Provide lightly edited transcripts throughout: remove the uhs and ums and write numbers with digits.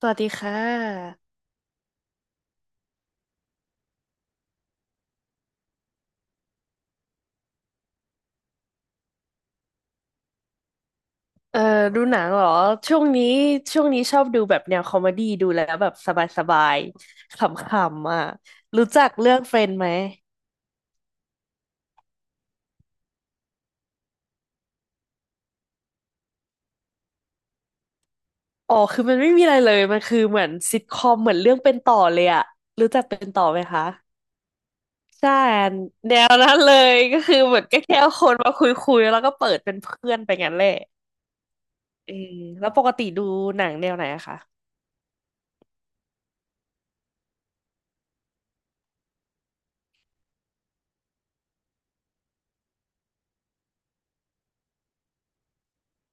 สวัสดีค่ะ เอ่อดูหนังเหรอ ช่วงนี้ชอบดูแบบแนวคอมเมดี้ดูแล้วแบบสบายๆขำๆอ่ะ รู้จักเรื่องเฟรนด์ไหมอ๋อคือมันไม่มีอะไรเลยมันคือเหมือนซิทคอมเหมือนเรื่องเป็นต่อเลยอ่ะรู้จักเป็นต่อไหมคะ ใช่แนวนั้นเลยก็คือเหมือนก็แค่เอาคนมาคุยๆแล้วก็เปิดเป็นเพื่อนไปงั้นแหละเออแล้วปกติดูหนังแนวไหนอะคะ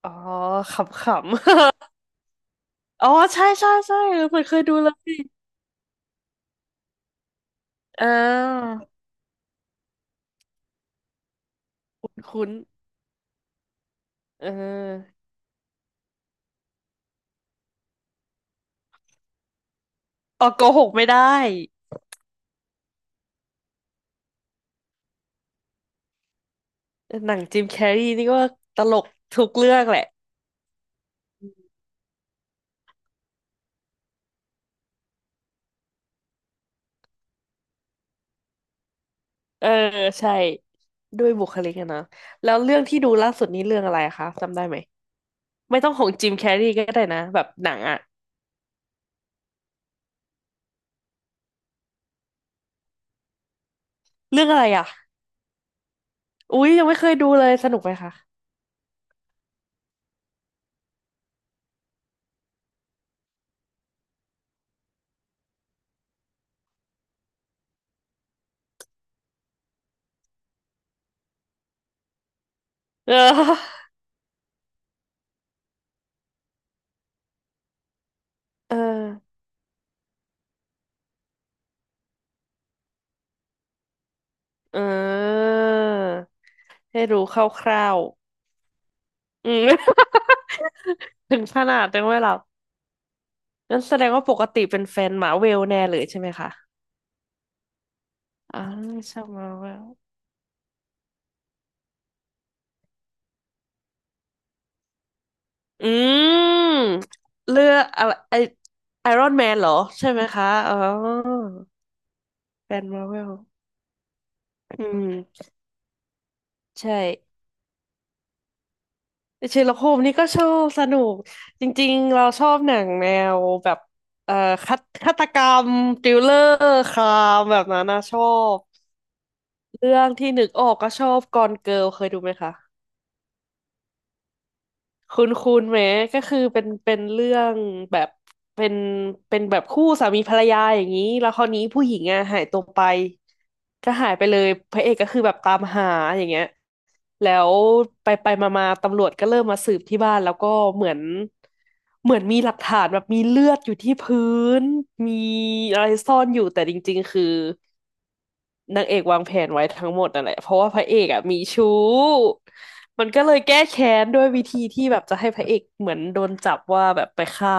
อ๋อขำๆ อ๋อใช่ใช่ใช่เออมันเคยดูเลยอ่า คุ้นเออออกโกหกไม่ได้หนังจิมแคร์รีนี่ก็ตลกทุกเรื่องแหละเออใช่ด้วยบุคลิกอะนะแล้วเรื่องที่ดูล่าสุดนี้เรื่องอะไรคะจำได้ไหมไม่ต้องของจิมแคร์รีก็ได้นะแบบหนังอะเรื่องอะไรอะอุ๊ยยังไม่เคยดูเลยสนุกไหมคะเออเออเออให้รู้คร่าวๆอืม ถึงขนาดยังไม่หลับงั้นแสดงว่าปกติเป็นแฟนหมาเวลแน่เลยใช่ไหมคะ อ่าชอบมาว่าอืมเลือกอะไรไอไอรอนแมนเหรอใช่ไหมคะอ๋อแฟนมาร์เวลอืมใช่เชอร์ล็อกโฮมนี่ก็ชอบสนุกจริงๆเราชอบหนังแนวแบบเอ่อฆาฆาตกรรมทริลเลอร์ครามแบบนั้นนะชอบเรื่องที่นึกออกก็ชอบกอนเกิร์ลเคยดูไหมคะ คุณคุณไหมก็คือเป็นเป็นเรื่องแบบเป็นเป็นแบบคู่สามีภรรยาอย่างนี้แล้วคราวนี้ผู้หญิงอ่ะหายตัวไปก็หายไปเลยพระเอกก็คือแบบตามหาอย่างเงี้ยแล้วไปไปมามาตำรวจก็เริ่มมาสืบที่บ้านแล้วก็เหมือนเหมือนมีหลักฐานแบบมีเลือดอยู่ที่พื้นมีอะไรซ่อนอยู่แต่จริงๆคือ นางเอกวางแผนไว้ทั้งหมดนั่นแหละเพราะว่าพระเอกอ่ะมีชู้มันก็เลยแก้แค้นด้วยวิธีที่แบบจะให้พระเอกเหมือนโดนจับว่าแบบไปฆ่า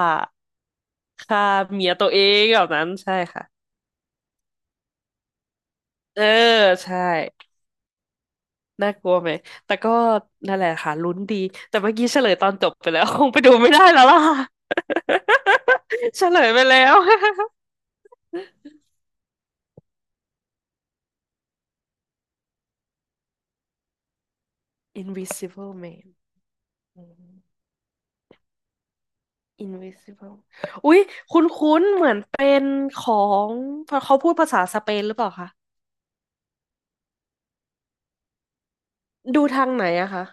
ฆ่าเมียตัวเองแบบนั้นใช่ค่ะ เออใช่ น่ากลัวไหม แต่ก็นั่นแหละค่ะลุ้นดี แต่เมื่อกี้เฉลยตอนจบไปแล้ว คงไปดูไม่ได้แล้วล่ะ เฉลยไปแล้ว Invisible Man อืม Invisible อุ๊ยคุ้นๆเหมือนเป็นของพอเขาพูดภาษาสเปนหรือเปล่าคะ ดูทางไหนอะคะ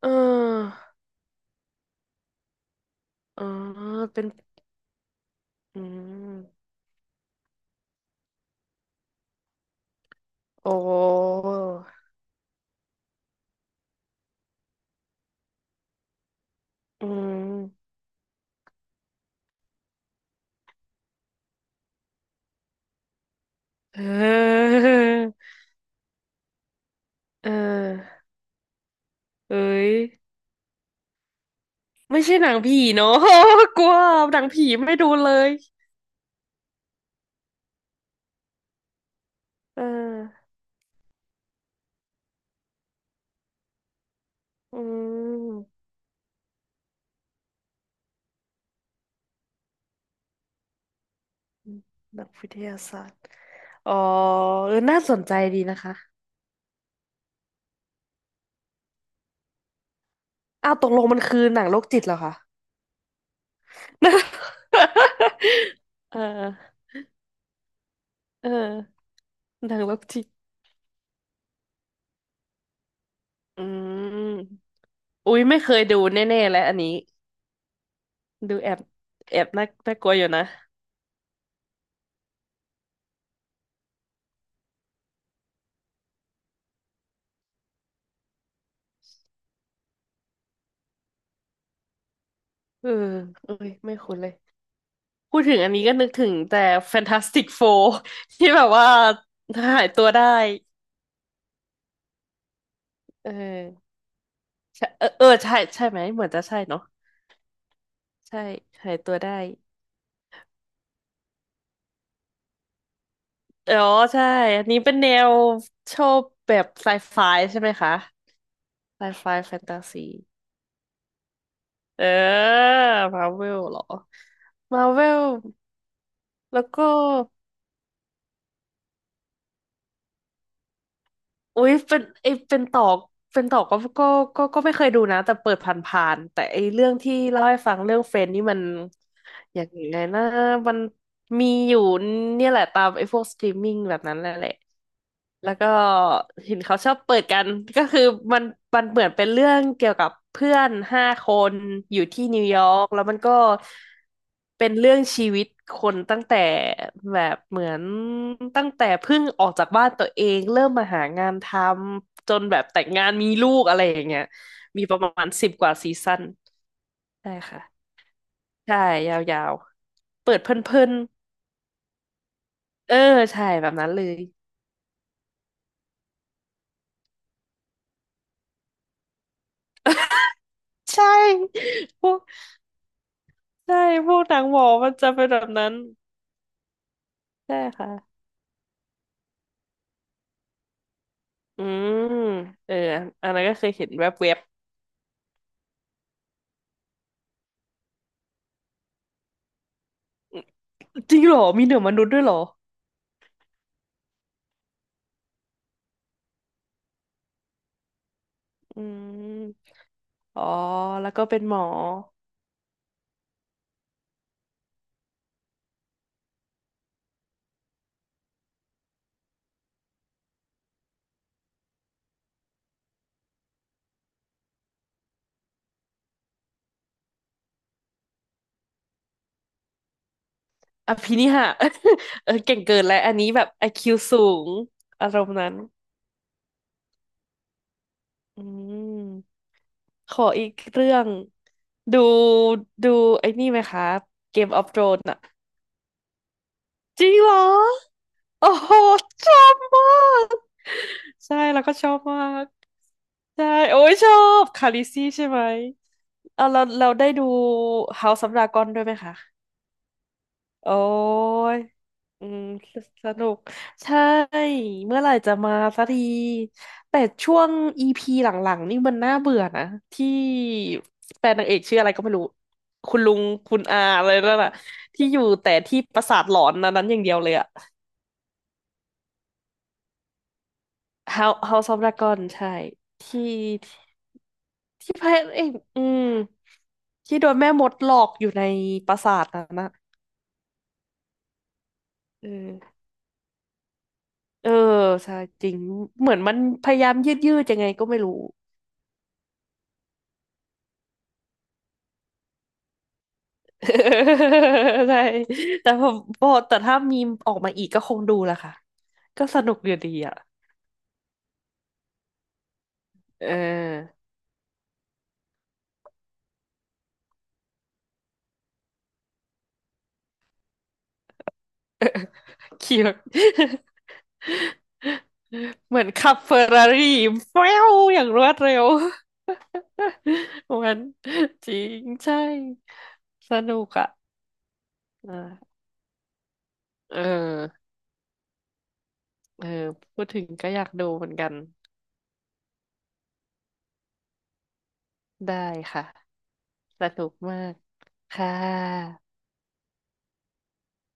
เอออ๋อเป็นอืมโอ้อืมเออเออเอ้ยไม่ใช่หนังผีเนาะ กลัวหนังผีไม่ดูเลยเอออืมนักวิทยาศาสตร์อ๋อเออน่าสนใจดีนะคะ อ้าวตกลงมันคือหนังโรคจิตเหรอคะ เออเออหนังโรคจิตอืมอุ้ยไม่เคยดูแน่ๆแล้วอันนี้ดูแอบแอบน่าน่ากลัวอยู่นะเออเอ้ยไม่คุ้นเลยพูดถึงอันนี้ก็นึกถึงแต่ Fantastic Four ที่แบบว่าหายตัวได้เออใช่เออเออใช่ใช่ไหมเหมือนจะใช่เนาะใช่หายตัวได้อ๋อใช่อันนี้เป็นแนวชอบแบบไซไฟใช่ไหมคะไซไฟแฟนตาซี เออมาเวลเหรอมาเวลแล้วก็อุ๊ยเป็นไอเป็นต่อเป็นต่อก็ก็ก็ก็ไม่เคยดูนะแต่เปิดผ่านๆแต่ไอเรื่องที่เล่าให้ฟังเรื่องเฟรนด์นี่มันอย่างไงนะมันมีอยู่เนี่ยแหละตามไอพวกสตรีมมิ่งแบบนั้นแหละ แล้วก็เห็นเขาชอบเปิดกันก็คือมันมันเหมือนเป็นเรื่องเกี่ยวกับเพื่อน5 คนอยู่ที่นิวยอร์กแล้วมันก็เป็นเรื่องชีวิตคนตั้งแต่แบบเหมือนตั้งแต่เพิ่งออกจากบ้านตัวเองเริ่มมาหางานทำจนแบบแต่งงานมีลูกอะไรอย่างเงี้ยมีประมาณสิบกว่าซีซั่นใช่ค่ะใช่ยาวๆเปิดเพลินๆเออใช่แบบนั้นเลยใช่ ใช่ พวกหนังหมอมันจะเป็นแบบนั้น ใช่ค่ะ อืมเอออันนั้นก็เคยเห็นแวบๆจริงเหรอ มีเหนือมนุษย์ด้วยเหรอ อืมอ๋อ แล้วก็เป็นหมออภินิหาร เออเก่งเกินแล้ว อันนี้แบบไอคิวสูงอารมณ์นั้น อืมขออีกเรื่อง ดู ดูไอ้นี่ไหมคะ Game of Thrones อะ จริงเหรอโอ้โหชอบมากใช่แล้วก็ชอบมากใช่โอ้ยชอบคาลิซี่ใช่ไหมเอาเราเราได้ดู House of Dragon ด้วยไหมคะโอ้ยอืมสสนุกใช่เมื่อไหร่จะมาสักทีแต่ช่วง EP หลังๆนี่มันน่าเบื่อนะที่แฟนนางเอกชื่ออะไรก็ไม่รู้คุณลุงคุณอาอะไรนั่นน่ะที่อยู่แต่ที่ปราสาทหลอนนั้นนั้นอย่างเดียวเลยอะ House House of Dragon ใช่ที่ที่พระเอกอืมที่โดนแม่มดหลอกอยู่ในปราสาทนั้นนะเออเออใช่จริงเหมือนมันพยายามยืดยืดยังไงก็ไม่รู้ ใช่แต่พอพอแต่ถ้ามีมออกมาอีกก็คงดูแหละค่ะก็สนุกอยู่ดีอ่ะเออเคิด เหมือนขับเฟอร์รารี่แฟ้วอย่างรวดเร็ว มันจริงใช่สนุกอ่ะอ่าเออเออพูดถึงก็อยากดูเหมือนกันได้ค่ะสนุกมากค่ะ